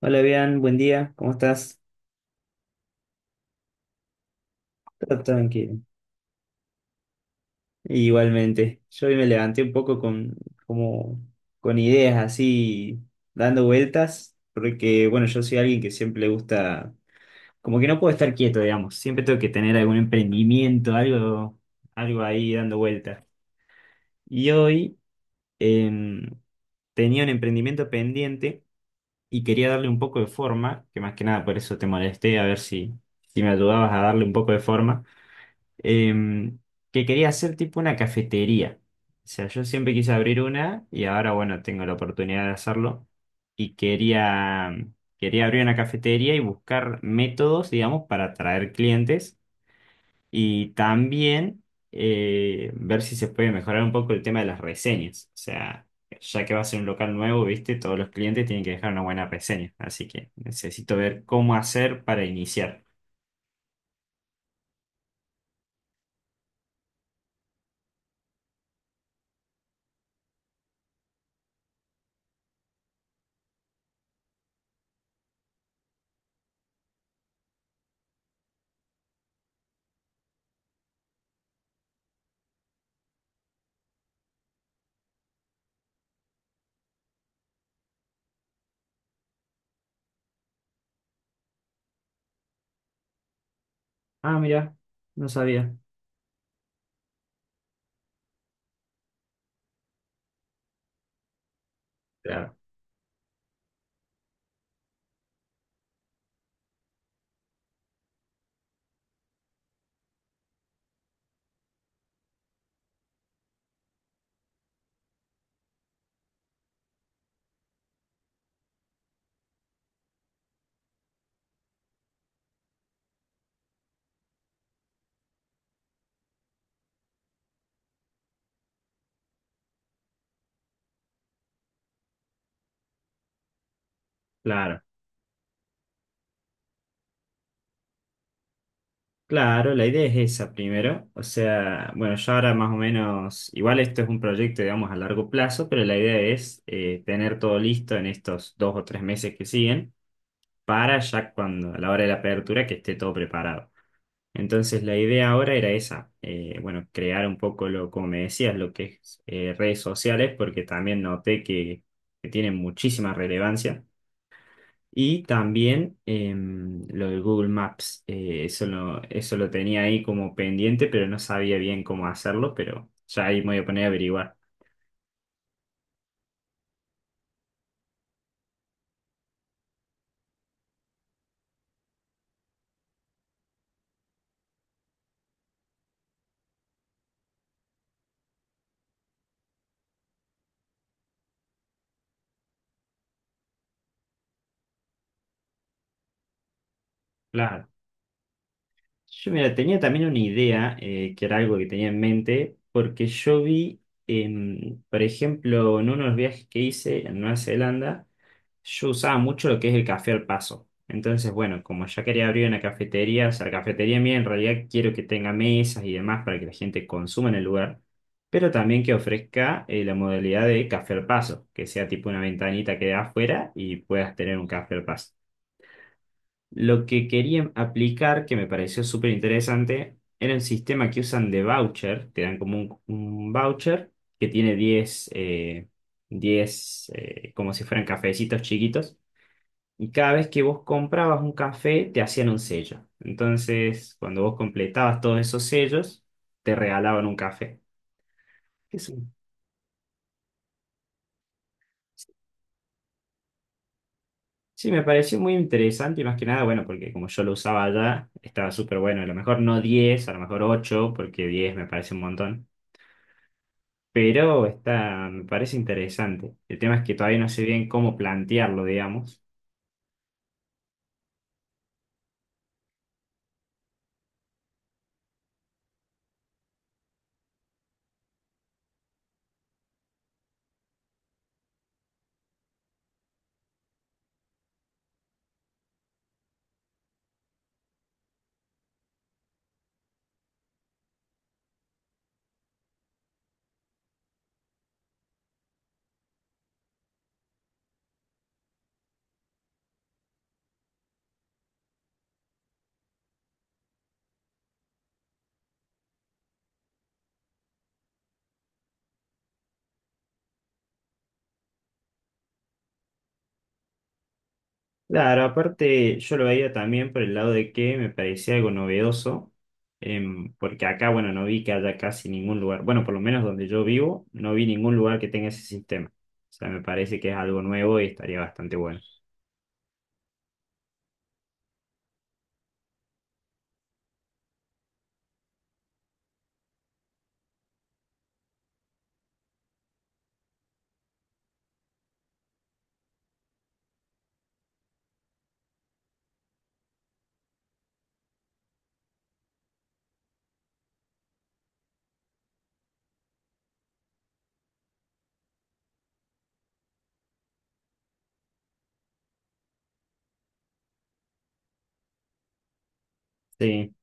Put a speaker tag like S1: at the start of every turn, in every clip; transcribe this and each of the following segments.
S1: Hola, bien, buen día, ¿cómo estás? Todo tranquilo. Igualmente, yo hoy me levanté un poco con, como, con ideas así, dando vueltas, porque bueno, yo soy alguien que siempre le gusta, como que no puedo estar quieto, digamos, siempre tengo que tener algún emprendimiento, algo, algo ahí dando vueltas. Y hoy em, tenía un emprendimiento pendiente y quería darle un poco de forma, que más que nada por eso te molesté, a ver si, si me ayudabas a darle un poco de forma. em, que quería hacer tipo una cafetería. O sea, yo siempre quise abrir una y ahora, bueno, tengo la oportunidad de hacerlo. Y quería, quería abrir una cafetería y buscar métodos, digamos, para atraer clientes y también ver si se puede mejorar un poco el tema de las reseñas. O sea, ya que va a ser un local nuevo, viste, todos los clientes tienen que dejar una buena reseña. Así que necesito ver cómo hacer para iniciar. Ah, mira, no sabía. Claro, claro. Claro, la idea es esa primero. O sea, bueno, yo ahora más o menos, igual esto es un proyecto, digamos, a largo plazo, pero la idea es tener todo listo en estos dos o tres meses que siguen para ya cuando, a la hora de la apertura, que esté todo preparado. Entonces, la idea ahora era esa, bueno, crear un poco lo, como me decías, lo que es redes sociales, porque también noté que tienen muchísima relevancia. Y también lo del Google Maps, eso lo tenía ahí como pendiente, pero no sabía bien cómo hacerlo, pero ya ahí me voy a poner a averiguar. Claro. Yo, mira, tenía también una idea, que era algo que tenía en mente, porque yo vi, por ejemplo, en unos viajes que hice en Nueva Zelanda, yo usaba mucho lo que es el café al paso. Entonces, bueno, como ya quería abrir una cafetería, o sea, la cafetería mía en realidad quiero que tenga mesas y demás para que la gente consuma en el lugar, pero también que ofrezca la modalidad de café al paso, que sea tipo una ventanita que dé afuera y puedas tener un café al paso. Lo que querían aplicar, que me pareció súper interesante, era el sistema que usan de voucher. Te dan como un voucher que tiene 10 10, como si fueran cafecitos chiquitos. Y cada vez que vos comprabas un café, te hacían un sello. Entonces, cuando vos completabas todos esos sellos, te regalaban un café. Es un- Sí, me pareció muy interesante y más que nada, bueno, porque como yo lo usaba allá, estaba súper bueno. A lo mejor no diez, a lo mejor ocho, porque 10 me parece un montón. Pero está, me parece interesante. El tema es que todavía no sé bien cómo plantearlo, digamos. Claro, aparte yo lo veía también por el lado de que me parecía algo novedoso, porque acá, bueno, no vi que haya casi ningún lugar, bueno, por lo menos donde yo vivo, no vi ningún lugar que tenga ese sistema. O sea, me parece que es algo nuevo y estaría bastante bueno. Sí.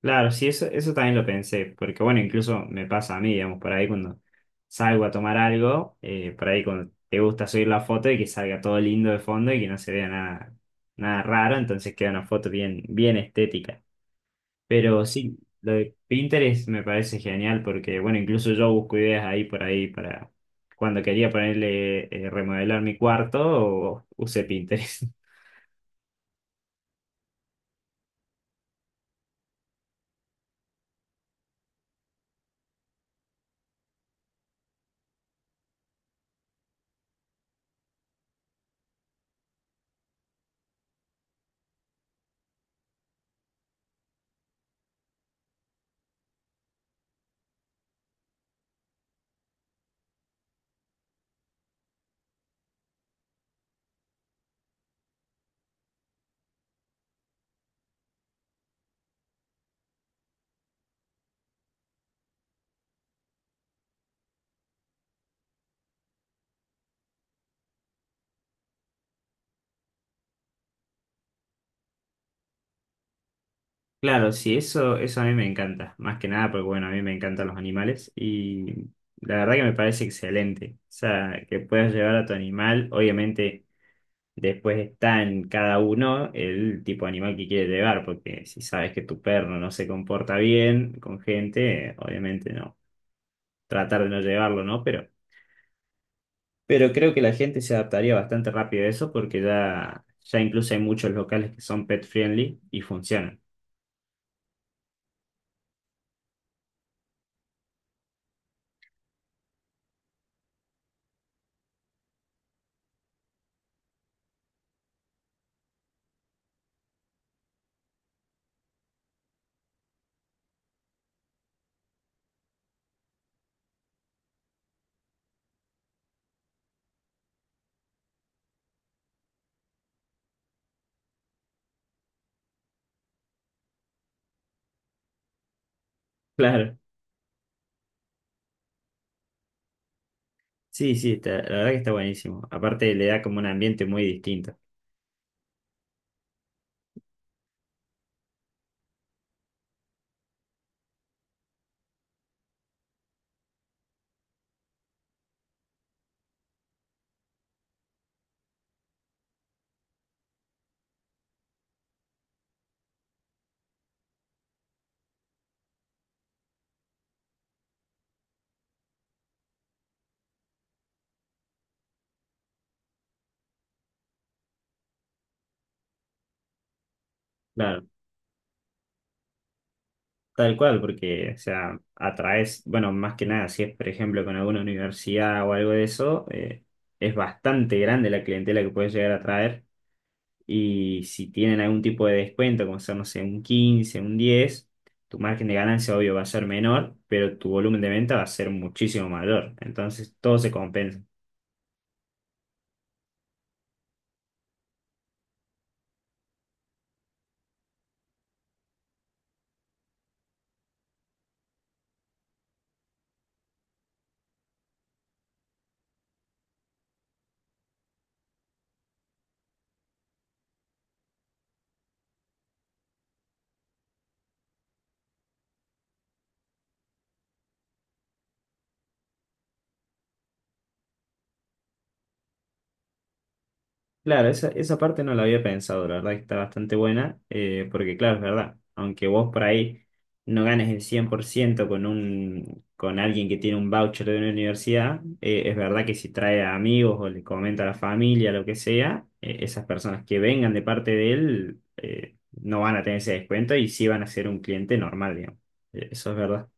S1: Claro, sí, eso también lo pensé, porque bueno, incluso me pasa a mí, digamos, por ahí cuando salgo a tomar algo, por ahí cuando te gusta subir la foto y que salga todo lindo de fondo y que no se vea nada, nada raro, entonces queda una foto bien, bien estética. Pero sí, lo de Pinterest me parece genial porque bueno, incluso yo busco ideas ahí por ahí para cuando quería ponerle, remodelar mi cuarto, o usé Pinterest. Claro, sí, eso a mí me encanta, más que nada porque, bueno, a mí me encantan los animales y la verdad que me parece excelente. O sea, que puedas llevar a tu animal, obviamente después está en cada uno el tipo de animal que quiere llevar, porque si sabes que tu perro no se comporta bien con gente, obviamente no, tratar de no llevarlo, ¿no? Pero creo que la gente se adaptaría bastante rápido a eso porque ya, ya incluso hay muchos locales que son pet friendly y funcionan. Claro. Sí, sí, está- la verdad que está buenísimo. Aparte le da como un ambiente muy distinto. Claro, tal cual, porque, o sea, atraes, bueno, más que nada, si es, por ejemplo, con alguna universidad o algo de eso, es bastante grande la clientela que puedes llegar a traer. Y si tienen algún tipo de descuento, como ser, no sé, un 15, un 10, tu margen de ganancia, obvio, va a ser menor, pero tu volumen de venta va a ser muchísimo mayor. Entonces, todo se compensa. Claro, esa parte no la había pensado, la verdad que está bastante buena, porque claro, es verdad, aunque vos por ahí no ganes el 100% con un, con alguien que tiene un voucher de una universidad, es verdad que si trae a amigos o le comenta a la familia, lo que sea, esas personas que vengan de parte de él, no van a tener ese descuento y sí van a ser un cliente normal, digamos. Eso es verdad.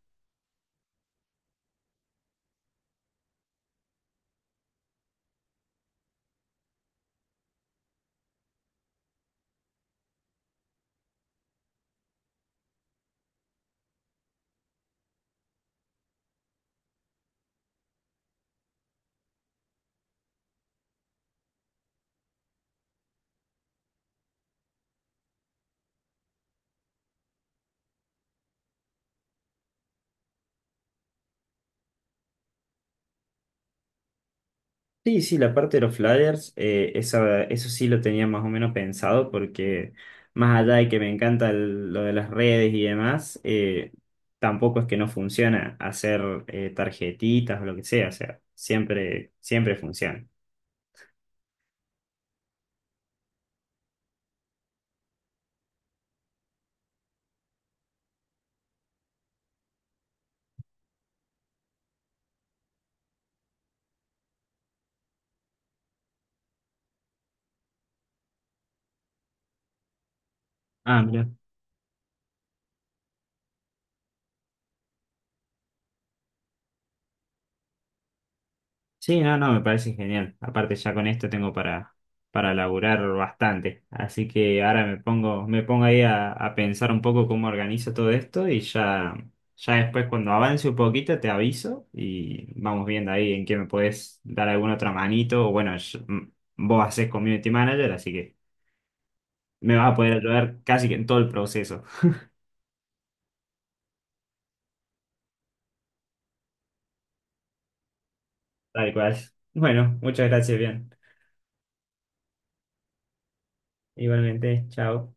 S1: Sí, sí, la parte de los flyers, esa- eso sí lo tenía más o menos pensado porque más allá de que me encanta el- lo de las redes y demás, tampoco es que no funciona hacer tarjetitas o lo que sea, o sea, siempre funciona. Ah, mira. Sí, no, no, me parece genial. Aparte ya con esto tengo para laburar bastante. Así que ahora me pongo ahí a pensar un poco cómo organizo todo esto y ya, ya después cuando avance un poquito te aviso y vamos viendo ahí en qué me puedes dar alguna otra manito. O bueno, yo- m- vos haces community manager, así que me vas a poder ayudar casi que en todo el proceso. Tal cual. Bueno, muchas gracias, bien. Igualmente, chao.